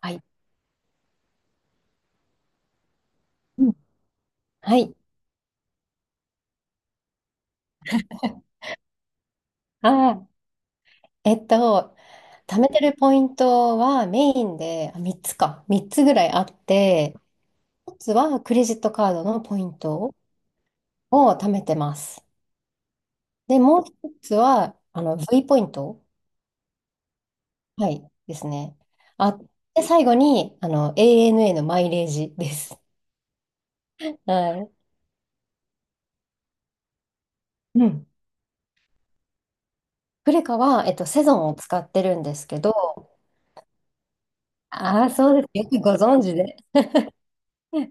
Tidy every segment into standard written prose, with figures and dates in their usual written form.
はい。うんはい。あー、えっと、貯めてるポイントはメインで3つか、3つぐらいあって、1つはクレジットカードのポイントを貯めてます。で、もう1つはV ポイント、はい、ですね。あ、で、最後にANA のマイレージです。はい。うん。クレカは、セゾンを使ってるんですけど、ああ、そうです。よくご存知で。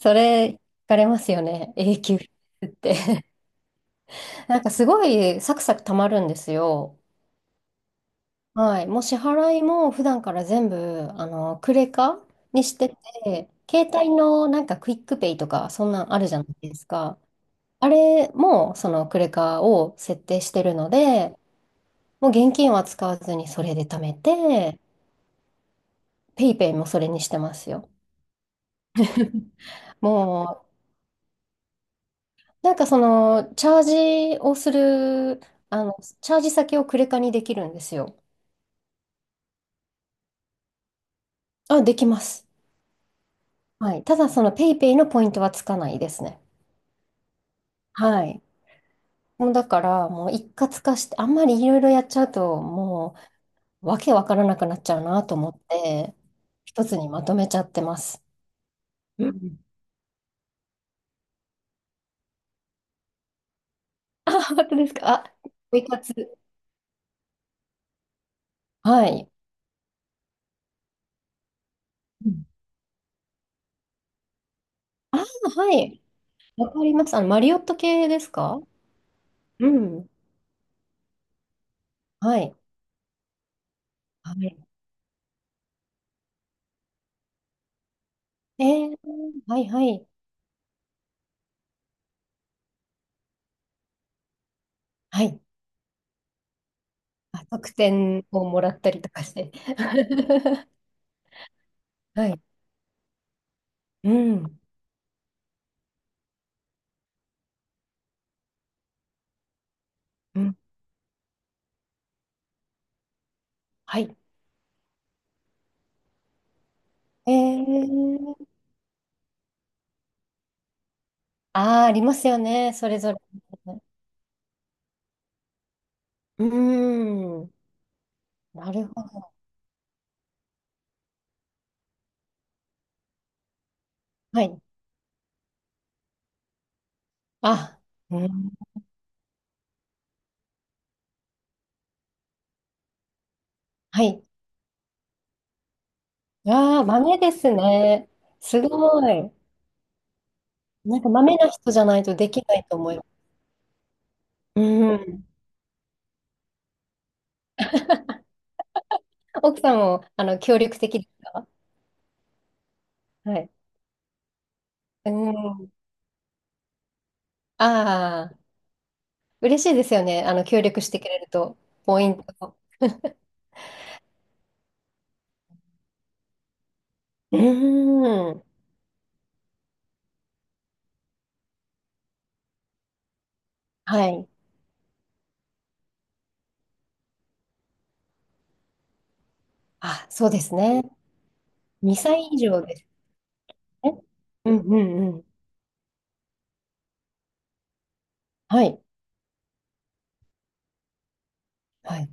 それ、聞かれますよね。永久って。なんかすごいサクサク貯まるんですよ。はい。もう支払いも普段から全部、クレカにしてて、携帯のなんかクイックペイとか、そんなんあるじゃないですか。あれも、そのクレカを設定してるので、もう現金は使わずにそれで貯めて、ペイペイもそれにしてますよ。もう、なんかその、ジをする、チャージ先をクレカにできるんですよ。できます。はい。ただ、そのペイペイのポイントはつかないですね。はい。もうだから、もう一括化して、あんまりいろいろやっちゃうと、もう、わけわからなくなっちゃうなと思って、一つにまとめちゃってます。うん、本当ですか？ポイ活。はい。うん、あ、はい。わかります。マリオット系ですか？うん、はい。はい。えー、はいはい。はい。特典をもらったりとかして。はい。うん。うん。はい。えー、ああ、ありますよね、それぞれ。うーん。なるほど。はい。あ、うん。はい。ああ、豆ですね。すごい。なんか豆な人じゃないとできないと思います。うん。奥さんも、協力的ですか？はい。うん。ああ、嬉しいですよね、協力してくれると。ポイント。うん。はい。そうですね。2歳以上ですね。うんうんうん。はい。はい。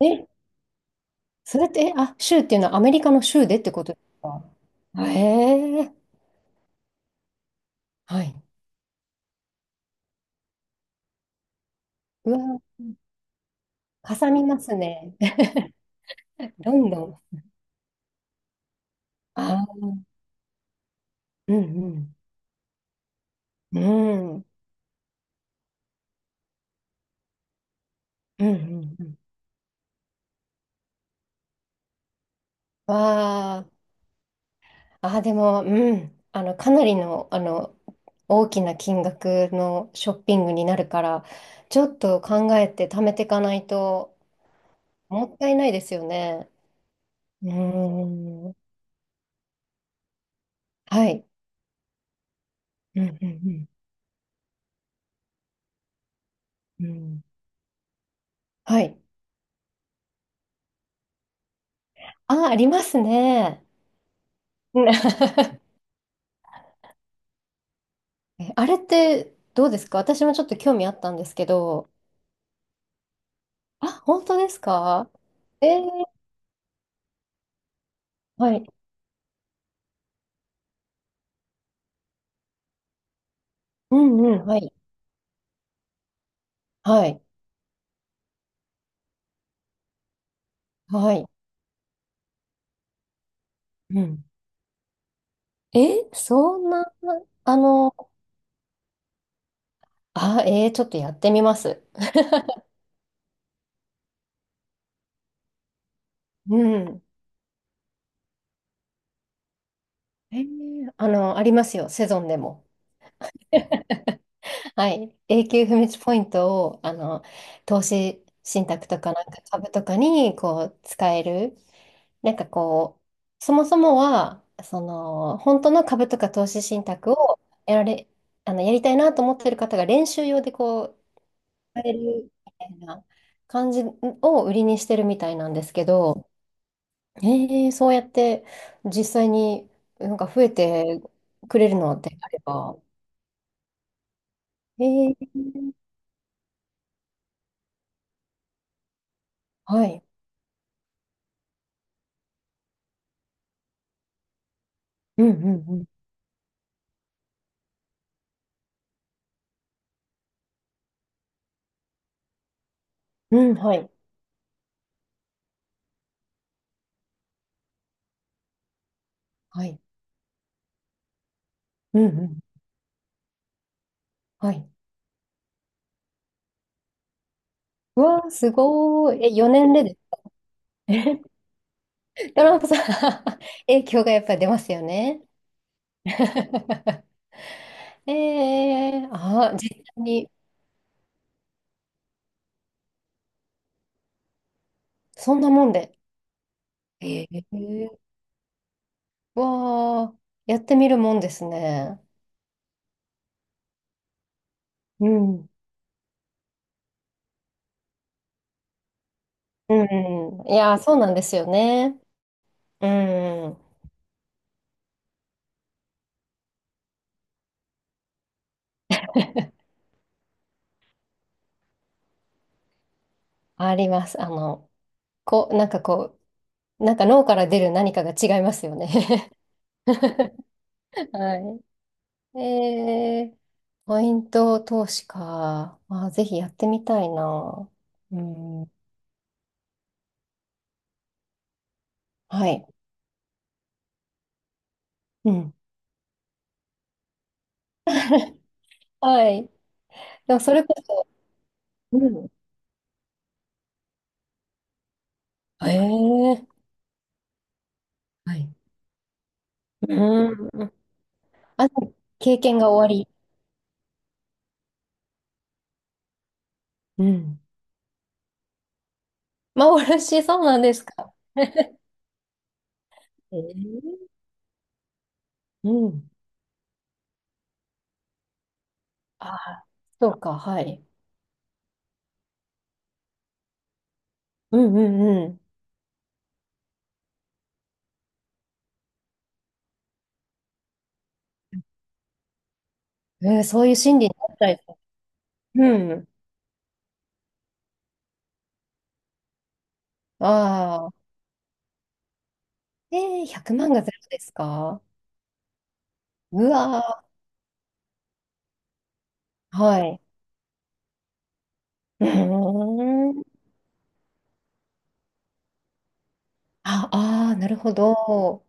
え、それって、えあ、州っていうのはアメリカの州でってことですか？へえ、はい。うわ、かさみますね。ロンドン。あ、うんうん。うん、うんうんうん。わあ、でも、うん。かなりの、大きな金額のショッピングになるから、ちょっと考えて貯めていかないと、もったいないですよね。うーん。はい。うんうんうん。うん。はい。ありますね。うん。 あれってどうですか？私もちょっと興味あったんですけど。本当ですか？えーはい。うんうん、はい。はい。はい。うん。そんな、あの、ちょっとやってみます。うん。ありますよ、セゾンでも。はい。永久不滅ポイントを、投資信託とかなんか株とかに、こう、使える。なんかこう、そもそもは、その、本当の株とか投資信託をやられ、あの、やりたいなと思ってる方が練習用でこう、やれるみたいな感じを売りにしてるみたいなんですけど、そうやって実際になんか増えてくれるのであれば。えー、はい。うんうんうん。うん、はい。はい。うんうん。はい。うわー、すごーい。4年でです。ドランプさん、 影響がやっぱり出ますよね。ええ、実際に、そんなもんで。ええ、わあ、やってみるもんですね。うん。うん。いやー、そうなんですよね。うん。あります。こう、なんかこなんか脳から出る何かが違いますよね。はい。ポイント投資か。ぜひやってみたいな。うん。はい。うん。はい。でもそれこそ、うん。ええ、はい。うん。あ、経験が終わり。うん。幻、そうなんですか？ええ、うん。ああ、そうか、はい。うんうんうん。そういう心理になっちゃいそう。うん。ああ。で、100万がゼロですか？うわー、はい。うーん。ああー、なるほど。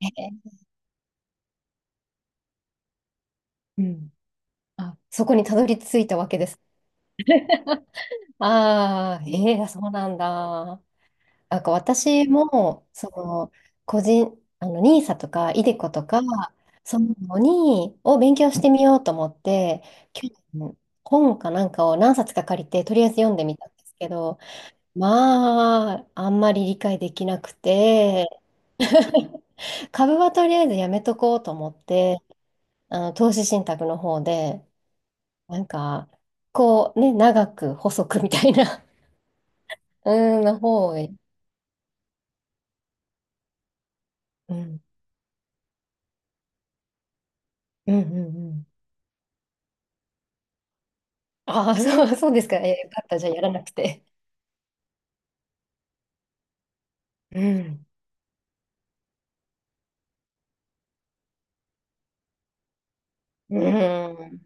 えーうん。そこにたどり着いたわけです？ああ、ええ、そうなんだ。なんか私も、その、個人、あの、n i s とか、イデコとか、そういうを勉強してみようと思って、去年、本かなんかを何冊か借りて、とりあえず読んでみたんですけど、まあ、あんまり理解できなくて、株はとりあえずやめとこうと思って、投資信託の方で、なんか、こうね、長く細くみたいな、うん、の方を。うん、うん、うん、うん。ああ、そう、そうですか。よかった。じゃあ、やらなくて。うん。うん。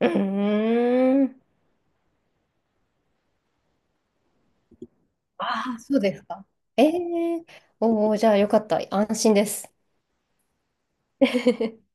うん。ああ、そうですか。ええ、おお、じゃあ、よかった。安心です。